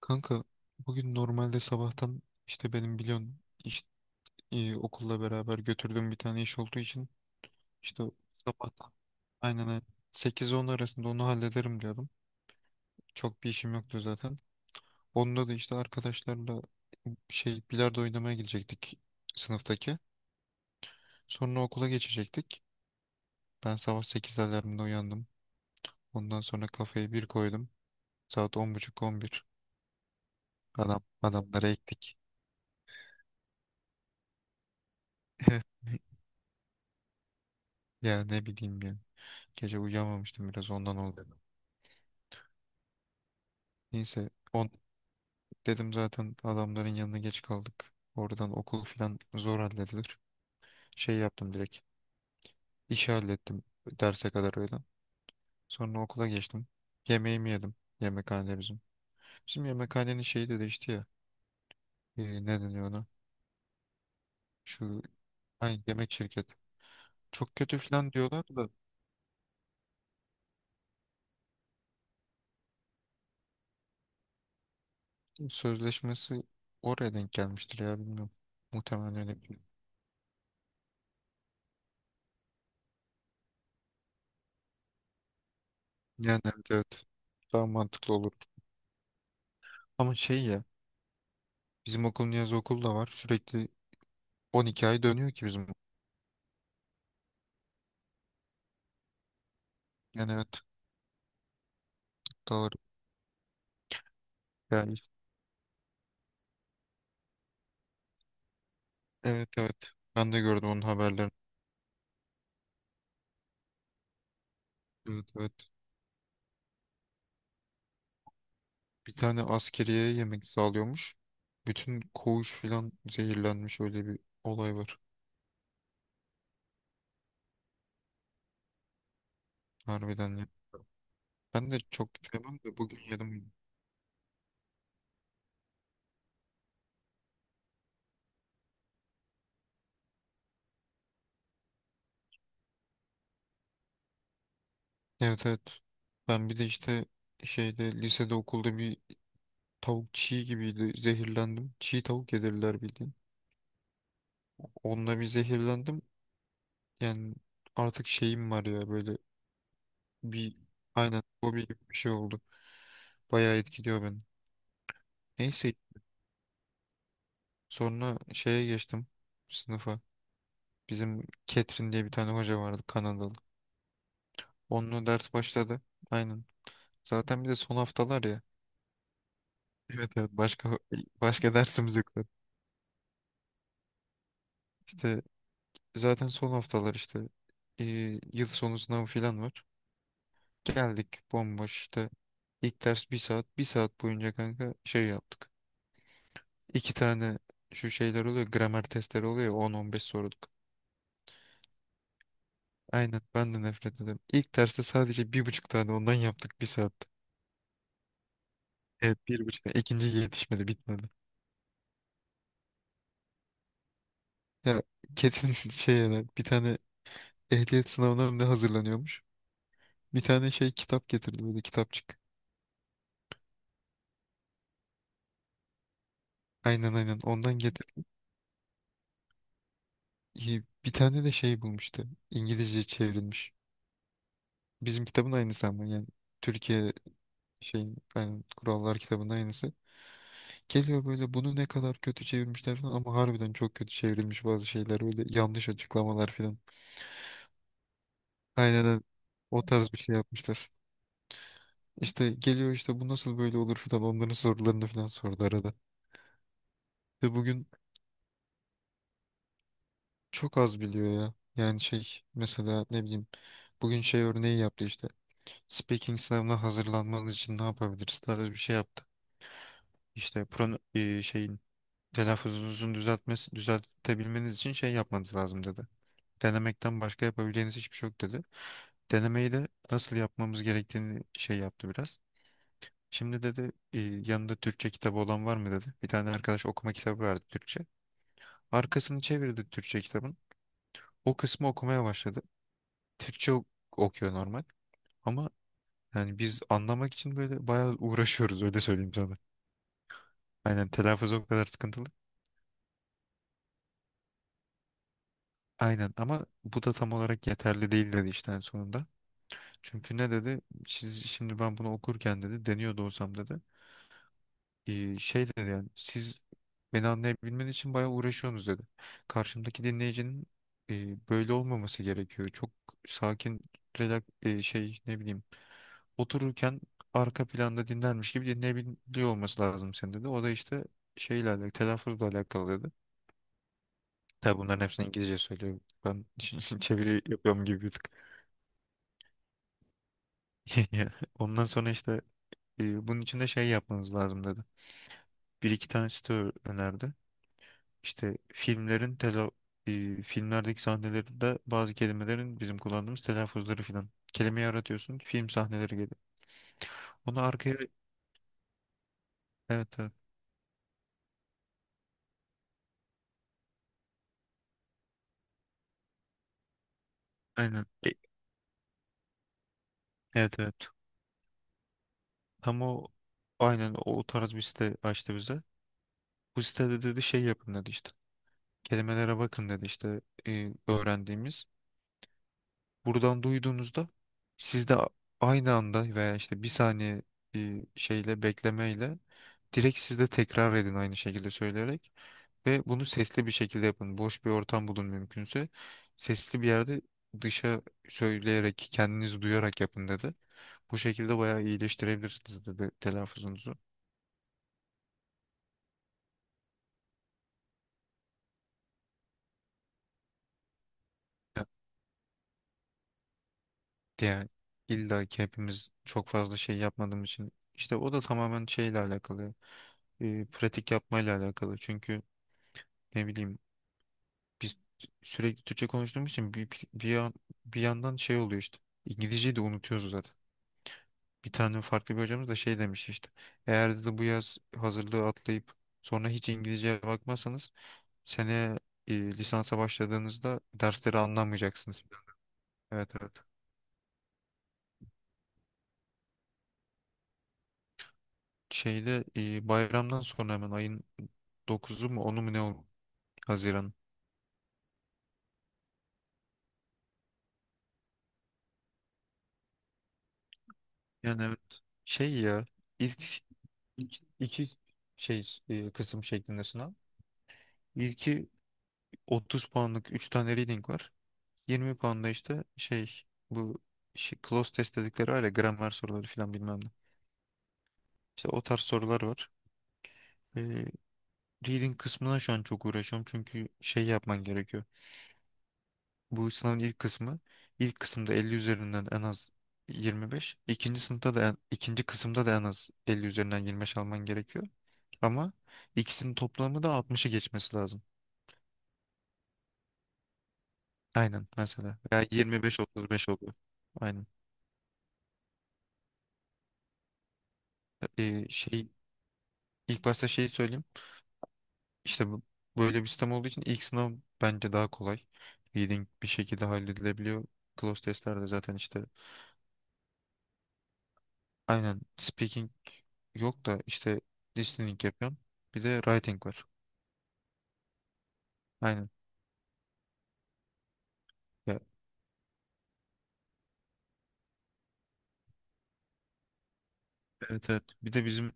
Kanka, bugün normalde sabahtan işte benim biliyorsun iş, okulla beraber götürdüğüm bir tane iş olduğu için işte sabahtan, aynen aynen, 8-10 arasında onu hallederim diyordum. Çok bir işim yoktu zaten. Onda da işte arkadaşlarla şey bilardo oynamaya gidecektik sınıftaki. Sonra okula geçecektik. Ben sabah 8 alarmında uyandım. Ondan sonra kafayı bir koydum. Saat 10:30-11. Adamları ektik. Ya ne bileyim ya. Gece uyuyamamıştım, biraz ondan oldu. Neyse on dedim zaten adamların yanına geç kaldık. Oradan okul falan zor halledilir. Şey yaptım direkt. İşi hallettim, derse kadar öyle. Sonra okula geçtim. Yemeğimi yedim. Yemekhane bizim. Bizim yemekhanenin şeyi de değişti ya. Ne deniyor ona? Şu ay, yemek şirket. Çok kötü falan diyorlar da sözleşmesi oraya denk gelmiştir ya, bilmiyorum. Muhtemelen öyle bir- Yani evet. Evet. Daha mantıklı olur. Ama şey ya. Bizim okulun yaz okulu da var. Sürekli 12 ay dönüyor ki bizim. Yani evet doğru. Yani evet evet. Ben de gördüm onun haberlerini. Evet evet. Bir tane askeriye yemek sağlıyormuş. Bütün koğuş filan zehirlenmiş, öyle bir olay var. Harbiden ya. Ben de çok yemem de bugün yedim. Evet evet. Ben bir de işte şeyde lisede okulda bir tavuk çiğ gibiydi. Zehirlendim. Çiğ tavuk yedirdiler bildiğin. Onunla bir zehirlendim. Yani artık şeyim var ya, böyle bir aynen hobi gibi bir şey oldu. Bayağı etkiliyor beni. Neyse sonra şeye geçtim, sınıfa. Bizim Ketrin diye bir tane hoca vardı, Kanadalı. Onunla ders başladı. Aynen. Zaten bir de son haftalar ya. Evet evet, başka dersimiz yok zaten. İşte zaten son haftalar işte, e, yıl sonu sınavı falan var. Geldik bomboş işte. İlk ders bir saat. Bir saat boyunca kanka şey yaptık. İki tane şu şeyler oluyor. Gramer testleri oluyor ya, on on beş soru. Aynen ben de nefret ediyorum. İlk derste sadece bir buçuk tane ondan yaptık bir saatte. Evet bir buçuk tane. İkinci yetişmedi, bitmedi. Ya Ketin şey yani bir tane ehliyet sınavına mı ne hazırlanıyormuş. Bir tane şey kitap getirdi, böyle kitapçık. Aynen aynen ondan getirdi. İyi, bir tane de şey bulmuştu. İngilizce çevrilmiş. Bizim kitabın aynısı ama yani Türkiye şeyin aynen kurallar kitabının aynısı. Geliyor böyle, bunu ne kadar kötü çevirmişler falan ama harbiden çok kötü çevrilmiş bazı şeyler, böyle yanlış açıklamalar falan. Aynen aynen. O tarz bir şey yapmışlar. İşte geliyor işte, bu nasıl böyle olur falan, onların sorularını falan sordu arada. Ve bugün çok az biliyor ya. Yani şey, mesela ne bileyim, bugün şey örneği yaptı işte. Speaking sınavına hazırlanmanız için ne yapabiliriz tarzı bir şey yaptı. İşte şeyin telaffuzunuzu düzeltmesi, düzeltebilmeniz için şey yapmanız lazım dedi. Denemekten başka yapabileceğiniz hiçbir şey yok dedi. Denemeyi de nasıl yapmamız gerektiğini şey yaptı biraz. Şimdi dedi, yanında Türkçe kitabı olan var mı dedi. Bir tane arkadaş okuma kitabı verdi, Türkçe. Arkasını çevirdi Türkçe kitabın. O kısmı okumaya başladı. Türkçe okuyor normal. Ama yani biz anlamak için böyle bayağı uğraşıyoruz, öyle söyleyeyim sana. Aynen telaffuz o kadar sıkıntılı. Aynen ama bu da tam olarak yeterli değil dedi işte en sonunda. Çünkü ne dedi? Siz, şimdi ben bunu okurken dedi deniyordu olsam dedi. Şey dedi, yani siz beni anlayabilmen için bayağı uğraşıyorsunuz dedi. Karşımdaki dinleyicinin böyle olmaması gerekiyor. Çok sakin, relax, şey ne bileyim, otururken arka planda dinlermiş gibi dinleyebiliyor olması lazım senin dedi. O da işte şeyle alakalı, telaffuzla alakalı dedi. Tabi bunların hepsini İngilizce söylüyor. Ben şimdi çeviri yapıyorum gibi bir tık. Ondan sonra işte, bunun için de şey yapmanız lazım dedi. Bir iki tane site önerdi. İşte filmlerin filmlerdeki sahnelerinde bazı kelimelerin bizim kullandığımız telaffuzları filan. Kelimeyi aratıyorsun, film sahneleri geliyor. Onu arkaya, evet evet aynen. Evet evet. Tam o aynen o tarz bir site açtı bize. Bu sitede dedi şey yapın dedi işte. Kelimelere bakın dedi işte, öğrendiğimiz. Buradan duyduğunuzda, siz de aynı anda veya işte bir saniye şeyle, beklemeyle direkt siz de tekrar edin aynı şekilde söyleyerek ve bunu sesli bir şekilde yapın. Boş bir ortam bulun mümkünse. Sesli bir yerde dışa söyleyerek, kendinizi duyarak yapın dedi. Bu şekilde bayağı iyileştirebilirsiniz dedi telaffuzunuzu. Ya, yani illa ki hepimiz çok fazla şey yapmadığımız için işte o da tamamen şeyle alakalı. Pratik yapmayla alakalı. Çünkü ne bileyim biz sürekli Türkçe konuştuğumuz için, bir yandan şey oluyor işte. İngilizceyi de unutuyoruz zaten. Bir tane farklı bir hocamız da şey demiş işte. Eğer dedi bu yaz hazırlığı atlayıp sonra hiç İngilizceye bakmazsanız, sene lisansa başladığınızda dersleri anlamayacaksınız. Evet evet. Şeyde, bayramdan sonra hemen ayın 9'u mu onu mu ne oldu? Haziran. Yani evet. Şey ya, ilk, ilk iki şey kısım şeklinde sınav. İlki 30 puanlık 3 tane reading var. 20 puanda işte şey, bu şey, close test dedikleri var ya, gramer soruları falan bilmem ne. İşte o tarz sorular var. Ee, reading kısmına şu an çok uğraşıyorum çünkü şey yapman gerekiyor. Bu sınavın ilk kısımda 50 üzerinden en az 25. İkinci kısımda da en az 50 üzerinden 25 alman gerekiyor. Ama ikisinin toplamı da 60'ı geçmesi lazım. Aynen mesela. Veya 25-35 oluyor. Aynen. Şey İlk başta şeyi söyleyeyim. İşte böyle bir sistem olduğu için ilk sınav bence daha kolay. Reading bir şekilde halledilebiliyor. Close testlerde zaten işte, aynen speaking yok da işte listening yapıyorum. Bir de writing var. Aynen. Ya, evet evet. Bir de bizim,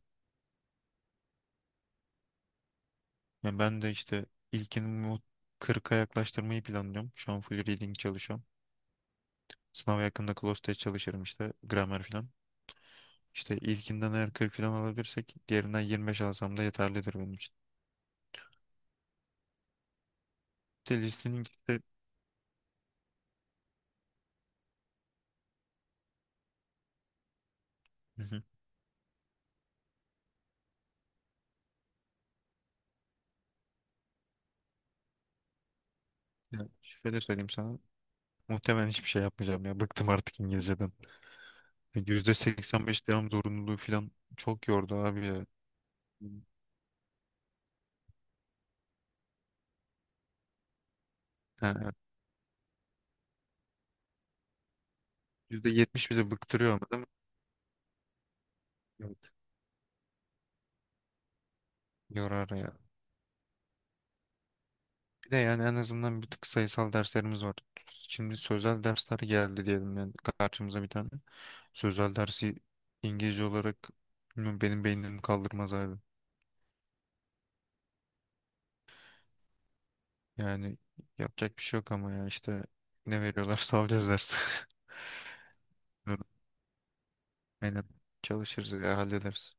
ya ben de işte ilkini bu 40'a yaklaştırmayı planlıyorum. Şu an full reading çalışıyorum. Sınava yakında close test çalışırım işte, Grammar falan. İşte ilkinden eğer 40 falan alabilirsek diğerinden 25 alsam da yeterlidir benim için. De listening işte. Hı hı. Ya şöyle söyleyeyim sana. Muhtemelen hiçbir şey yapmayacağım ya. Bıktım artık İngilizceden. %85 devam zorunluluğu falan çok yordu abi ya. Ha, evet. %70 bizi bıktırıyor ama değil mi? Evet. Yorar ya. Bir de yani en azından bir tık sayısal derslerimiz var. Şimdi sözel dersler geldi diyelim yani karşımıza bir tane. Sözel dersi İngilizce olarak, bilmiyorum, benim beynim kaldırmaz abi. Yani yapacak bir şey yok ama ya işte ne veriyorlarsa alacağız ders. Aynen. Çalışırız ya hallederiz.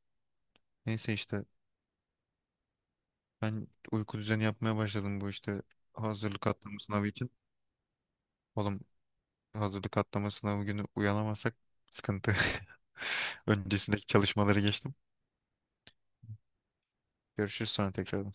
Neyse işte ben uyku düzeni yapmaya başladım bu işte hazırlık atlama sınavı için. Oğlum hazırlık atlama sınavı günü uyanamazsak sıkıntı. Öncesindeki çalışmaları geçtim. Görüşürüz sonra tekrar.